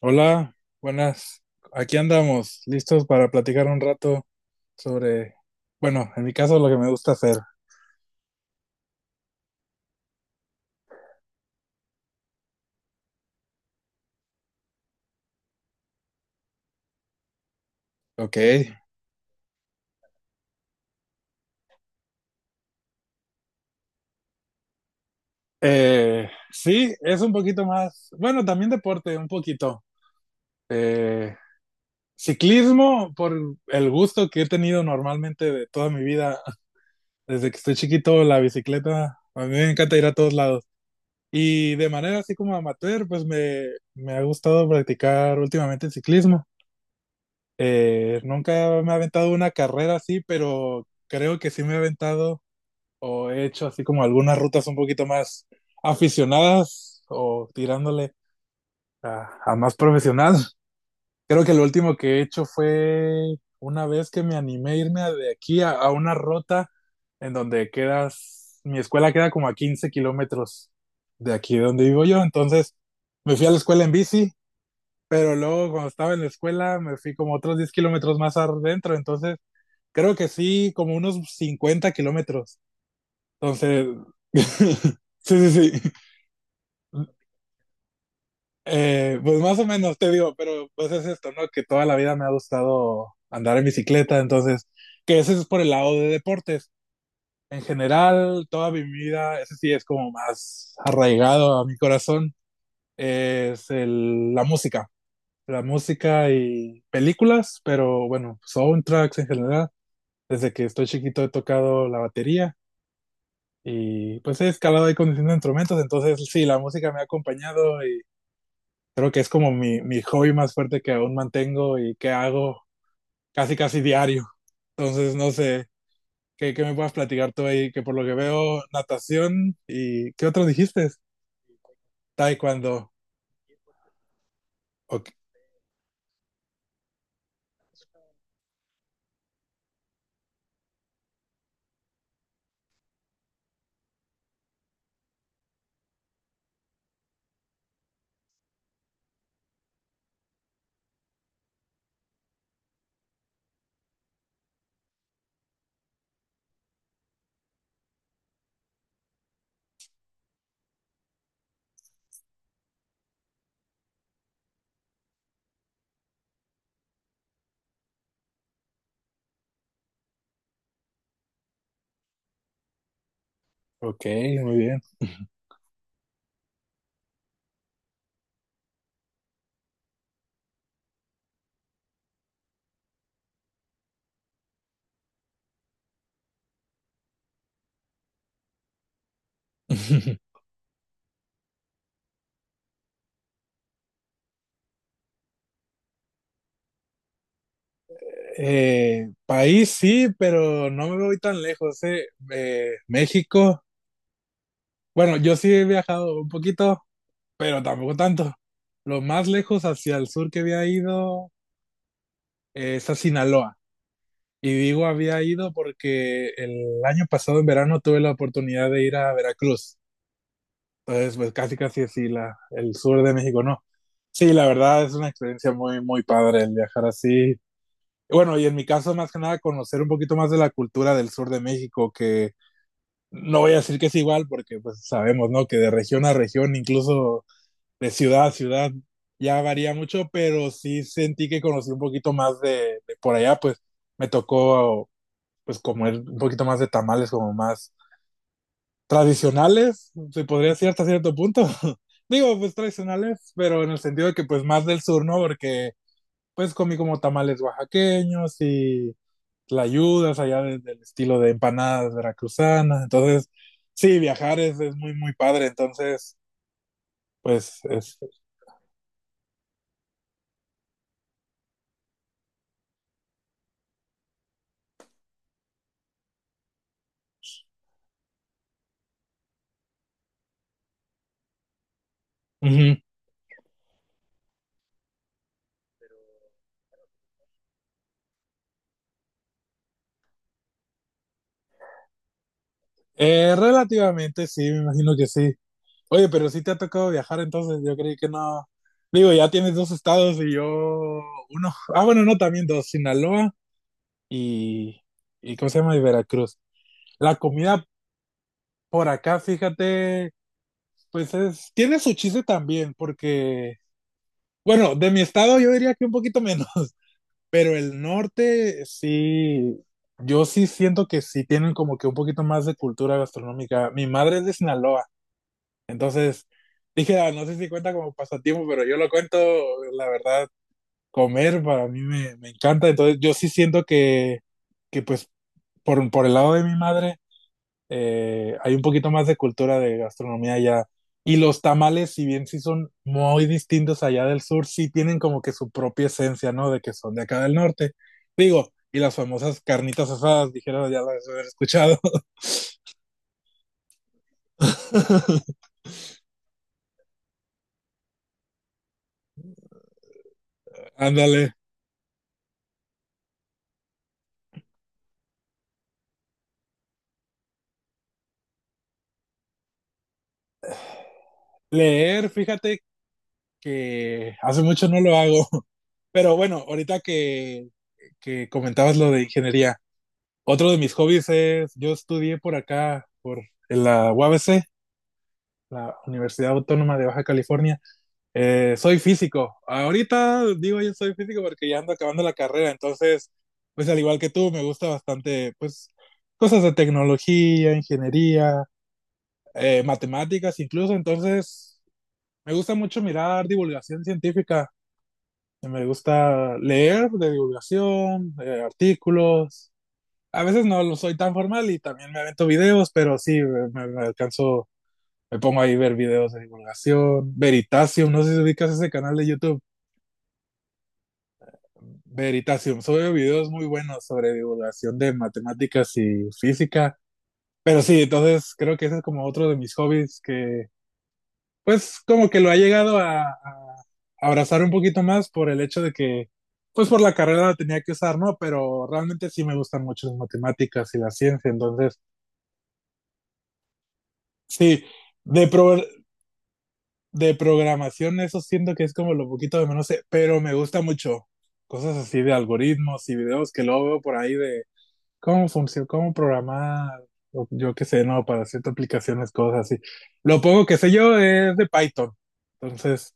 Hola, buenas. Aquí andamos, listos para platicar un rato sobre, bueno, en mi caso lo que me gusta hacer. Ok. Sí, es un poquito más, bueno, también deporte, un poquito. Eh, Ciclismo, por el gusto que he tenido normalmente de toda mi vida, desde que estoy chiquito, la bicicleta, a mí me encanta ir a todos lados. Y de manera así como amateur, pues me ha gustado practicar últimamente el ciclismo. Nunca me he aventado una carrera así, pero creo que sí me he aventado o he hecho así como algunas rutas un poquito más aficionadas o tirándole a más profesional. Creo que lo último que he hecho fue una vez que me animé a irme de aquí a una ruta en donde quedas, mi escuela queda como a 15 kilómetros de aquí de donde vivo yo, entonces me fui a la escuela en bici, pero luego cuando estaba en la escuela me fui como otros 10 kilómetros más adentro, entonces creo que sí, como unos 50 kilómetros. Entonces, sí, sí, sí. Pues más o menos, te digo, pero pues es esto, ¿no? Que toda la vida me ha gustado andar en bicicleta, entonces, que ese es por el lado de deportes. En general, toda mi vida, ese sí es como más arraigado a mi corazón, es la música. La música y películas, pero bueno, soundtracks en general. Desde que estoy chiquito he tocado la batería. Y pues he escalado ahí conduciendo instrumentos, entonces sí, la música me ha acompañado y creo que es como mi hobby más fuerte que aún mantengo y que hago casi casi diario. Entonces no sé, ¿qué me puedas platicar tú ahí? Que por lo que veo, natación y ¿qué otro dijiste? Taekwondo. Ok, ok, muy bien. País sí, pero no me voy tan lejos, eh. México. Bueno, yo sí he viajado un poquito, pero tampoco tanto. Lo más lejos hacia el sur que había ido es a Sinaloa. Y digo había ido porque el año pasado en verano tuve la oportunidad de ir a Veracruz. Entonces, pues casi casi así el sur de México, no. Sí, la verdad es una experiencia muy, muy padre el viajar así. Bueno, y en mi caso, más que nada, conocer un poquito más de la cultura del sur de México, que no voy a decir que es igual, porque pues sabemos, ¿no? Que de región a región, incluso de ciudad a ciudad ya varía mucho, pero sí sentí que conocí un poquito más de por allá, pues me tocó pues comer un poquito más de tamales, como más tradicionales, se podría decir hasta cierto punto. Digo, pues tradicionales, pero en el sentido de que pues más del sur, ¿no? Porque pues comí como tamales oaxaqueños y tlayudas allá del estilo de empanadas veracruzanas. Entonces, sí, viajar es muy, muy padre. Entonces, pues es... Relativamente sí, me imagino que sí. Oye, pero sí te ha tocado viajar, entonces yo creí que no. Digo, ya tienes dos estados y yo uno. Ah, bueno, no, también dos, Sinaloa y, y ¿cómo se llama? Y Veracruz. La comida por acá, fíjate, pues es, tiene su chiste también, porque, bueno, de mi estado yo diría que un poquito menos, pero el norte sí, yo sí siento que sí tienen como que un poquito más de cultura gastronómica. Mi madre es de Sinaloa. Entonces, dije, ah, no sé si cuenta como pasatiempo, pero yo lo cuento, la verdad, comer para mí me encanta. Entonces, yo sí siento que pues, por el lado de mi madre, hay un poquito más de cultura de gastronomía allá. Y los tamales, si bien sí son muy distintos allá del sur, sí tienen como que su propia esencia, ¿no? De que son de acá del norte. Digo, y las famosas carnitas asadas, dijeron, ya las he escuchado. Ándale. Leer, fíjate que hace mucho no lo hago. Pero bueno, ahorita que comentabas lo de ingeniería, otro de mis hobbies es, yo estudié por acá, por en la UABC, la Universidad Autónoma de Baja California. Soy físico. Ahorita digo yo soy físico porque ya ando acabando la carrera, entonces, pues al igual que tú, me gusta bastante, pues, cosas de tecnología, ingeniería, matemáticas incluso, entonces, me gusta mucho mirar divulgación científica. Me gusta leer de divulgación, artículos. A veces no lo soy tan formal y también me avento videos, pero sí, me alcanzo, me pongo ahí a ver videos de divulgación. Veritasium, no sé si ubicas ese canal de YouTube. Veritasium, sube videos muy buenos sobre divulgación de matemáticas y física. Pero sí, entonces creo que ese es como otro de mis hobbies que pues como que lo ha llegado a abrazar un poquito más por el hecho de que, pues por la carrera la tenía que usar, ¿no? Pero realmente sí me gustan mucho las matemáticas y la ciencia, entonces sí, de, pro- de programación eso siento que es como lo poquito de menos, sé, pero me gusta mucho cosas así de algoritmos y videos que luego veo por ahí de cómo funciona, cómo programar, o yo qué sé, no, para ciertas aplicaciones, cosas así. Lo poco que sé yo es de Python, entonces...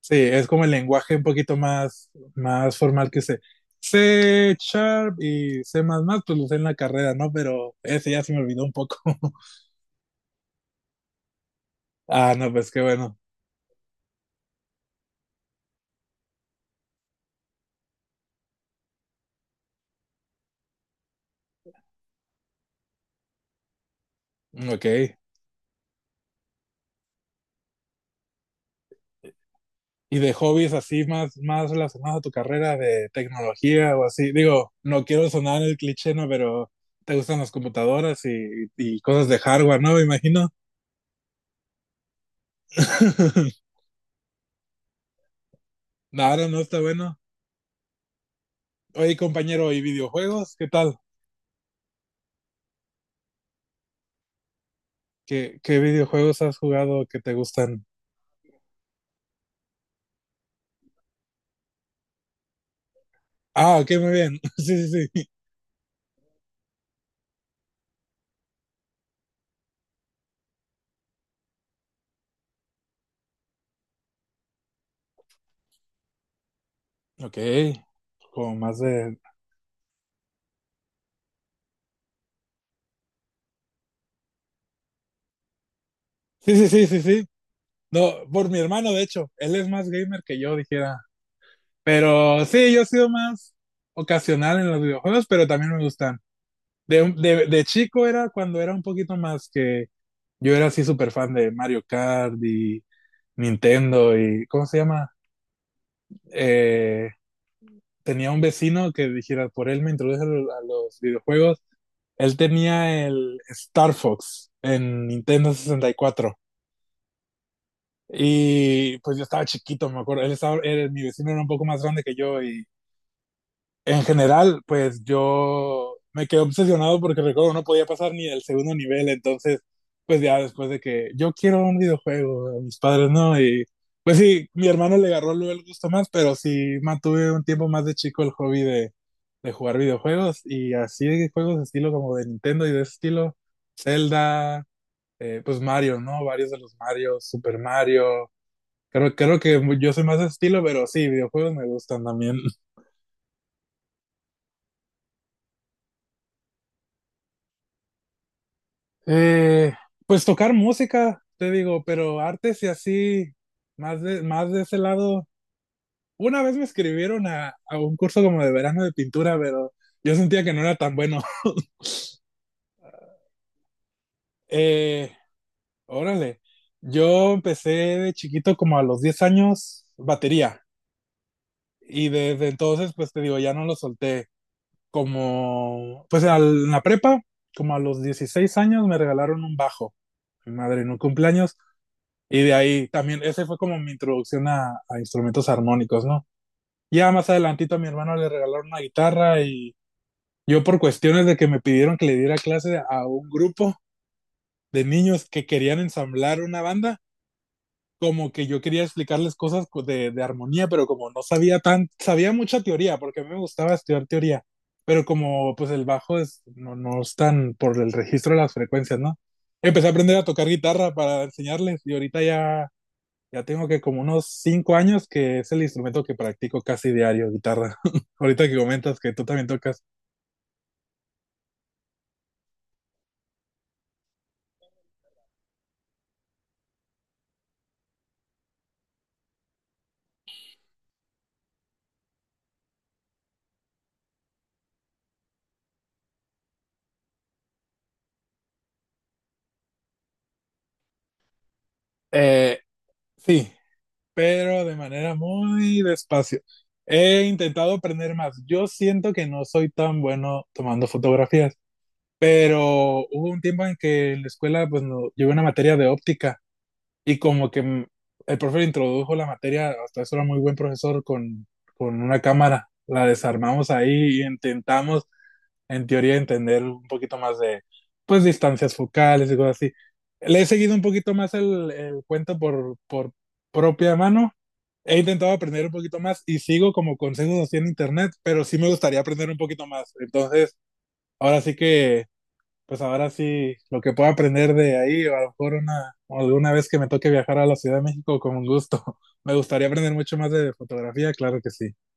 Sí, es como el lenguaje un poquito más, más formal que C. C Sharp y C++, pues lo usé en la carrera, ¿no? Pero ese ya se me olvidó un poco. Ah, no, pues qué bueno. Ok. ¿Y de hobbies así más, más relacionados a tu carrera de tecnología o así? Digo, no quiero sonar el cliché, ¿no? Pero te gustan las computadoras y cosas de hardware, ¿no? Me imagino. Claro, no está bueno. Oye, compañero, ¿y videojuegos? ¿Qué tal? ¿Qué videojuegos has jugado que te gustan? Ah, ok, muy bien. Sí, sí, sí. Ok, como más de... Sí, sí, sí, sí, sí. No, por mi hermano, de hecho, él es más gamer que yo, dijera. Pero sí, yo he sido más ocasional en los videojuegos, pero también me gustan. De chico era cuando era un poquito más que yo era así súper fan de Mario Kart y Nintendo y ¿cómo se llama? Eh, Tenía un vecino que dijera, por él me introduce a a los videojuegos. Él tenía el Star Fox en Nintendo 64. Y pues yo estaba chiquito, me acuerdo. Él estaba, mi vecino era un poco más grande que yo y en general, pues yo me quedé obsesionado porque recuerdo no podía pasar ni el segundo nivel, entonces pues ya después de que yo quiero un videojuego, a mis padres no, y pues sí, mi hermano le agarró luego el gusto más, pero sí mantuve un tiempo más de chico el hobby de jugar videojuegos y así de juegos de estilo como de Nintendo y de ese estilo, Zelda, pues Mario, ¿no? Varios de los Mario, Super Mario. Creo, creo que yo soy más de ese estilo, pero sí, videojuegos me gustan también. Eh, pues tocar música, te digo, pero artes y así, más de ese lado. Una vez me escribieron a un curso como de verano de pintura, pero yo sentía que no era tan bueno. Eh, Órale, yo empecé de chiquito como a los 10 años batería y desde entonces, pues te digo, ya no lo solté. Como, pues en la prepa, como a los 16 años me regalaron un bajo. Mi madre, en un cumpleaños. Y de ahí también, ese fue como mi introducción a instrumentos armónicos, ¿no? Ya más adelantito a mi hermano le regalaron una guitarra y yo por cuestiones de que me pidieron que le diera clase a un grupo de niños que querían ensamblar una banda, como que yo quería explicarles cosas de armonía, pero como no sabía tan, sabía mucha teoría, porque a mí me gustaba estudiar teoría, pero como pues el bajo es, no, no es tan por el registro de las frecuencias, ¿no? Empecé a aprender a tocar guitarra para enseñarles y ahorita ya ya tengo que como unos 5 años que es el instrumento que practico casi diario, guitarra. Ahorita que comentas que tú también tocas. Eh, sí, pero de manera muy despacio. He intentado aprender más. Yo siento que no soy tan bueno tomando fotografías, pero hubo un tiempo en que en la escuela pues no, llevé una materia de óptica y como que el profe introdujo la materia, hasta eso era muy buen profesor con una cámara. La desarmamos ahí y intentamos en teoría, entender un poquito más de, pues, distancias focales y cosas así. Le he seguido un poquito más el cuento por propia mano. He intentado aprender un poquito más y sigo como consejos así en internet, pero sí me gustaría aprender un poquito más. Entonces, ahora sí que, pues ahora sí, lo que pueda aprender de ahí, o a lo mejor o alguna vez que me toque viajar a la Ciudad de México, con gusto. Me gustaría aprender mucho más de fotografía, claro que sí.